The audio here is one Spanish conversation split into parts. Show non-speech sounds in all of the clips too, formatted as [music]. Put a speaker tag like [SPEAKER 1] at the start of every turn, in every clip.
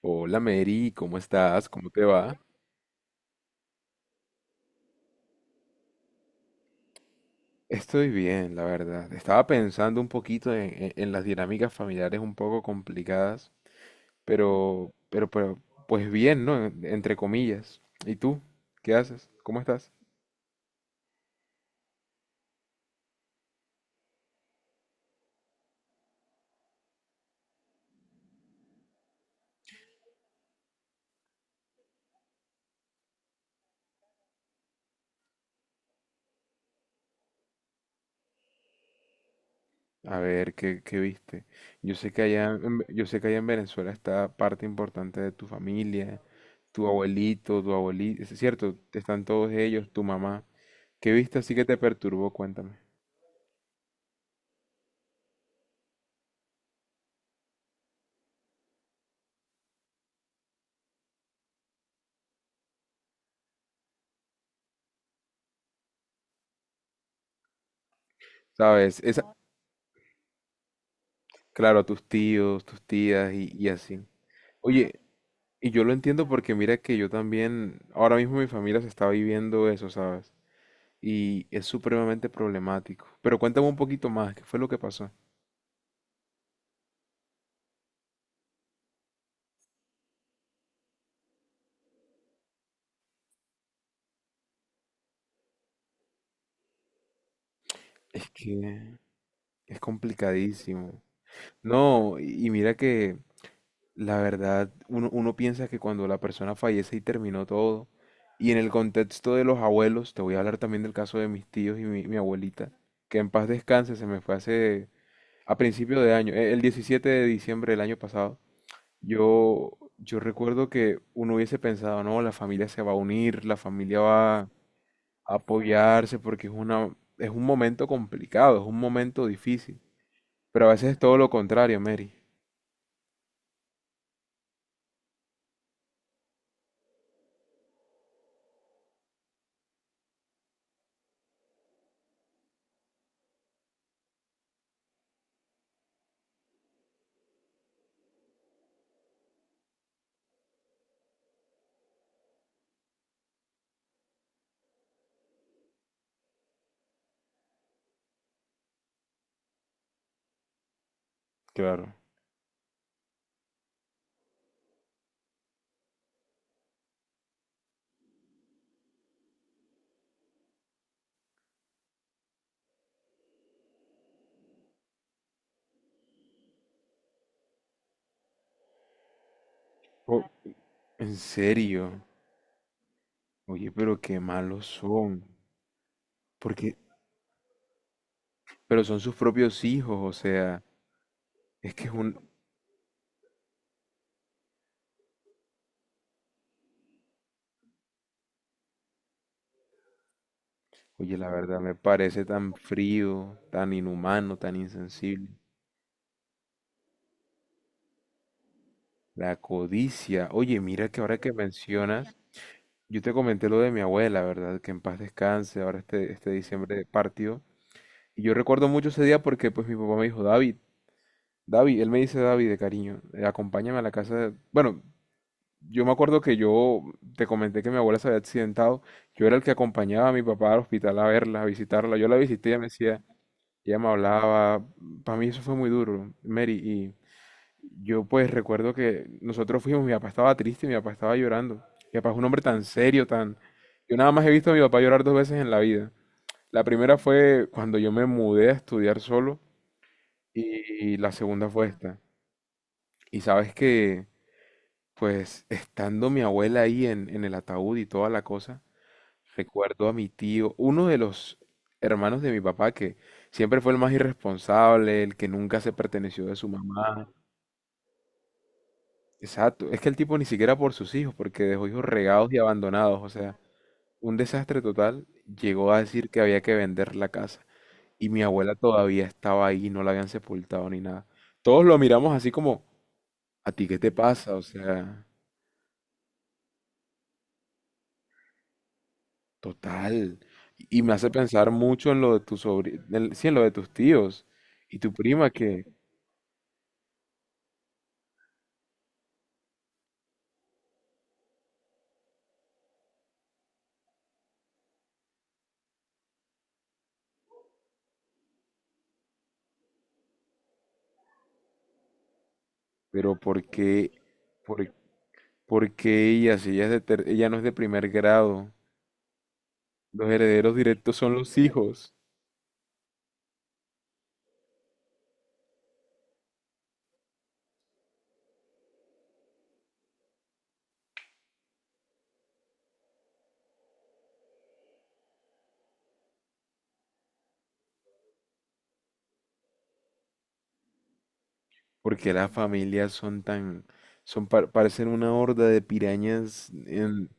[SPEAKER 1] Hola Mary, ¿cómo estás? ¿Cómo te va? Estoy bien, la verdad. Estaba pensando un poquito en las dinámicas familiares un poco complicadas, pero, pero, pero, pues bien, ¿no? Entre comillas. ¿Y tú? ¿Qué haces? ¿Cómo estás? A ver, ¿qué viste? Yo sé que allá, yo sé que allá en Venezuela está parte importante de tu familia, tu abuelito, tu abuelita, es cierto, están todos ellos, tu mamá. ¿Qué viste así que te perturbó? Cuéntame. ¿Sabes? Esa, claro, a tus tíos, tus tías y así. Oye, y yo lo entiendo porque mira que yo también, ahora mismo mi familia se está viviendo eso, ¿sabes? Y es supremamente problemático. Pero cuéntame un poquito más, ¿qué fue lo que pasó? Es que es complicadísimo. No, y mira que la verdad, uno piensa que cuando la persona fallece y terminó todo, y en el contexto de los abuelos, te voy a hablar también del caso de mis tíos y mi abuelita, que en paz descanse, se me fue hace a principio de año, el 17 de diciembre del año pasado. Yo recuerdo que uno hubiese pensado, no, la familia se va a unir, la familia va a apoyarse porque es una, es un momento complicado, es un momento difícil. Pero a veces es todo lo contrario, Mary. Claro. Oh, en serio. Oye, pero qué malos son. Porque, pero son sus propios hijos, o sea, es que es un... Oye, la verdad me parece tan frío, tan inhumano, tan insensible. La codicia. Oye, mira que ahora que mencionas, yo te comenté lo de mi abuela, ¿verdad? Que en paz descanse, ahora este, este diciembre partió. Y yo recuerdo mucho ese día porque pues mi papá me dijo, David, David, él me dice David de cariño, acompáñame a la casa de-". Bueno, yo me acuerdo que yo te comenté que mi abuela se había accidentado, yo era el que acompañaba a mi papá al hospital a verla, a visitarla, yo la visité, ella me decía, ella me hablaba, para mí eso fue muy duro, Mary, yo pues recuerdo que nosotros fuimos, mi papá estaba triste, mi papá estaba llorando. Mi papá es un hombre tan serio, tan... Yo nada más he visto a mi papá llorar dos veces en la vida. La primera fue cuando yo me mudé a estudiar solo y la segunda fue esta. Y sabes que, pues, estando mi abuela ahí en el ataúd y toda la cosa, recuerdo a mi tío, uno de los hermanos de mi papá que siempre fue el más irresponsable, el que nunca se perteneció de su mamá. Exacto, es que el tipo ni siquiera por sus hijos, porque dejó hijos regados y abandonados, o sea, un desastre total, llegó a decir que había que vender la casa y mi abuela todavía estaba ahí, no la habían sepultado ni nada. Todos lo miramos así como, ¿a ti qué te pasa? O sea, total. Y me hace pensar mucho en lo de tus sobrinos, sí, en lo de tus tíos y tu prima que, pero por, por qué ella, si ella es ella no es de primer grado? Los herederos directos son los hijos. Porque las familias son tan, son par- parecen una horda de pirañas en-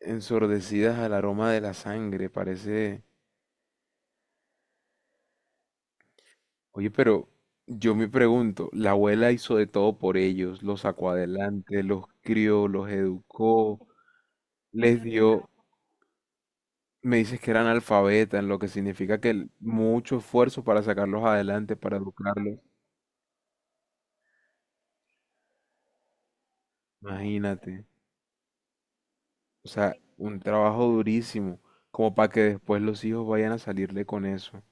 [SPEAKER 1] ensordecidas al aroma de la sangre, parece. Oye, pero yo me pregunto, la abuela hizo de todo por ellos, los sacó adelante, los crió, los educó, les dio, me dices que eran alfabetas, lo que significa que el- mucho esfuerzo para sacarlos adelante, para educarlos. Imagínate, o sea, un trabajo durísimo, como para que después los hijos vayan a salirle con eso.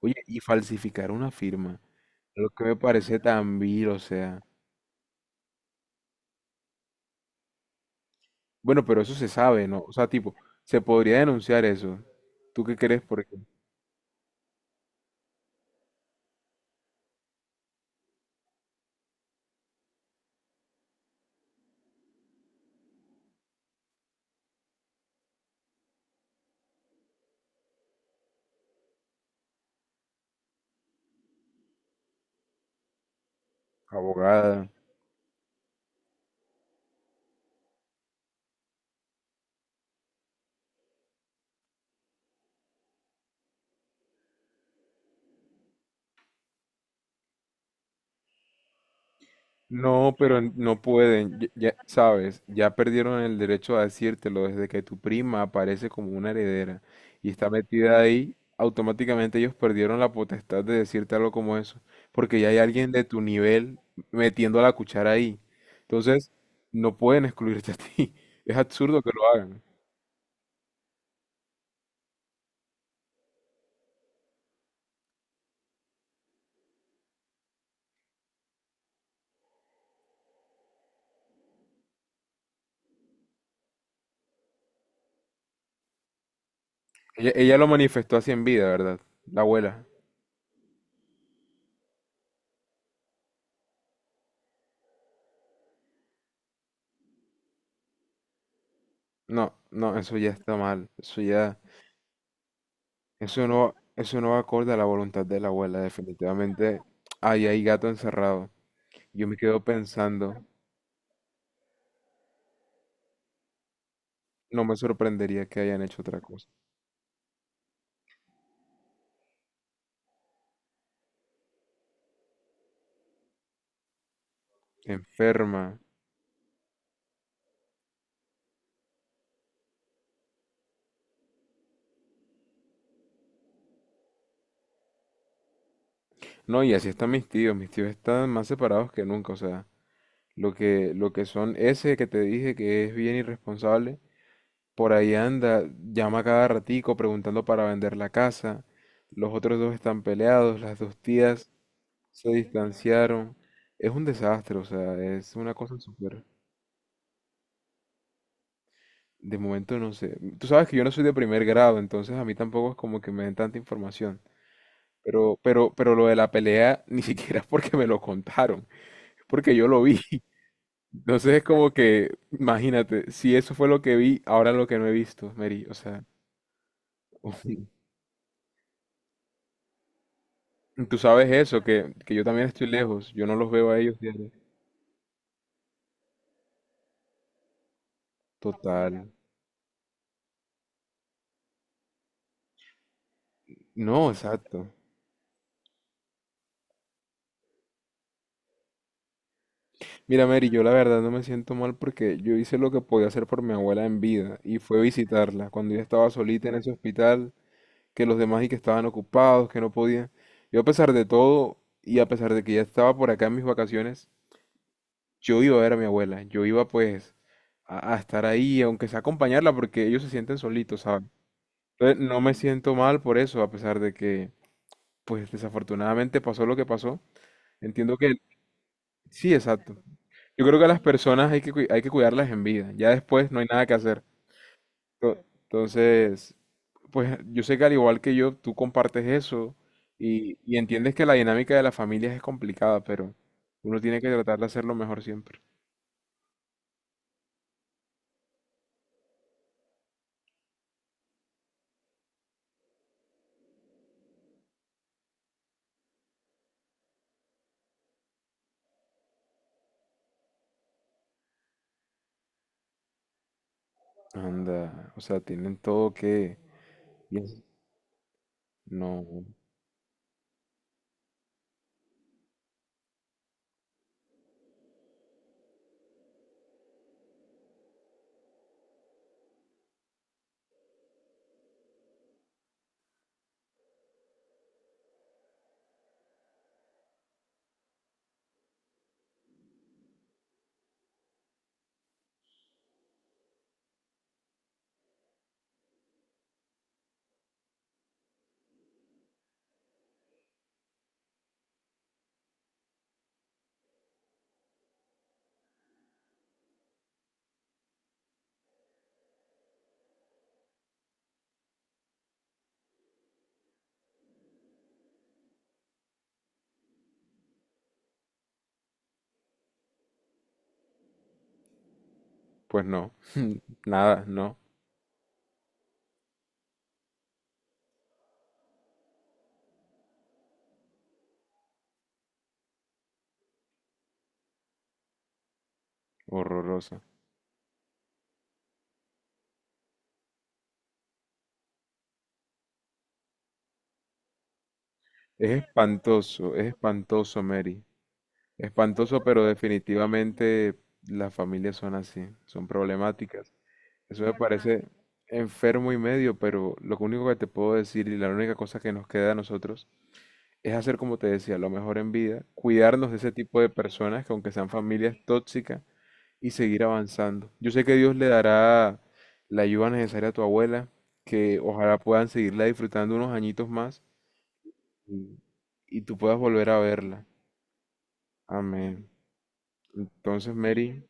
[SPEAKER 1] Oye, y falsificar una firma, lo que me parece tan vil, o sea. Bueno, pero eso se sabe, ¿no? O sea, tipo, se podría denunciar eso. ¿Tú qué crees? Porque abogada. No, pero no pueden, ya, ya- sabes, ya perdieron el derecho a decírtelo desde que tu prima aparece como una heredera y está metida ahí, automáticamente ellos perdieron la potestad de decirte algo como eso, porque ya hay alguien de tu nivel metiendo la cuchara ahí. Entonces, no pueden excluirte a ti. [laughs] Es absurdo que lo hagan. Ella lo manifestó así en vida, ¿verdad? La abuela. No, no, eso ya está mal. Eso ya... eso no va acorde a la voluntad de la abuela, definitivamente. Ahí hay gato encerrado. Yo me quedo pensando, no me sorprendería que hayan hecho otra cosa. Enferma. No, y así están mis tíos. Mis tíos están más separados que nunca. O sea, lo que son ese que te dije que es bien irresponsable, por ahí anda, llama cada ratico preguntando para vender la casa. Los otros dos están peleados, las dos tías se distanciaron. Es un desastre, o sea, es una cosa súper... De momento no sé. Tú sabes que yo no soy de primer grado, entonces a mí tampoco es como que me den tanta información. Pero lo de la pelea [laughs] ni siquiera es porque me lo contaron, porque yo lo vi. [laughs] Entonces es como que, imagínate, si eso fue lo que vi, ahora lo que no he visto, Mary. O sea, [laughs] tú sabes eso, que yo también estoy lejos, yo no los veo a ellos diario. Total. No, exacto. Mira, Mary, yo la verdad no me siento mal porque yo hice lo que podía hacer por mi abuela en vida y fue visitarla. Cuando ella estaba solita en ese hospital, que los demás y que estaban ocupados, que no podían. Yo a pesar de todo y a pesar de que ya estaba por acá en mis vacaciones, yo iba a ver a mi abuela, yo iba pues a estar ahí, aunque sea acompañarla porque ellos se sienten solitos, ¿saben? Entonces no me siento mal por eso, a pesar de que pues desafortunadamente pasó lo que pasó. Entiendo que sí, exacto. Yo creo que a las personas hay que hay que cuidarlas en vida, ya después no hay nada que hacer. Co- Entonces, pues yo sé que al igual que yo, tú compartes eso y entiendes que la dinámica de las familias es complicada, pero uno tiene que tratar de hacerlo mejor siempre. Anda, o sea, tienen todo que... y es- No, pues no, nada, no, horroroso. Es espantoso, Mary. Espantoso, pero definitivamente las familias son así, son problemáticas. Eso me ¿verdad? Parece enfermo y medio, pero lo único que te puedo decir y la única cosa que nos queda a nosotros es hacer como te decía, lo mejor en vida, cuidarnos de ese tipo de personas que aunque sean familias tóxicas y seguir avanzando. Yo sé que Dios le dará la ayuda necesaria a tu abuela, que ojalá puedan seguirla disfrutando unos añitos más y, y tú puedas volver a verla. Amén. Entonces, Mary,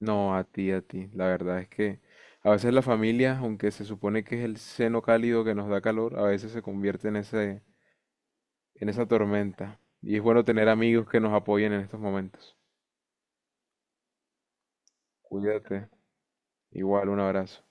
[SPEAKER 1] no, a ti, a ti. La verdad es que a veces la familia, aunque se supone que es el seno cálido que nos da calor, a veces se convierte en ese, en esa tormenta. Y es bueno tener amigos que nos apoyen en estos momentos. Cuídate. Igual, un abrazo.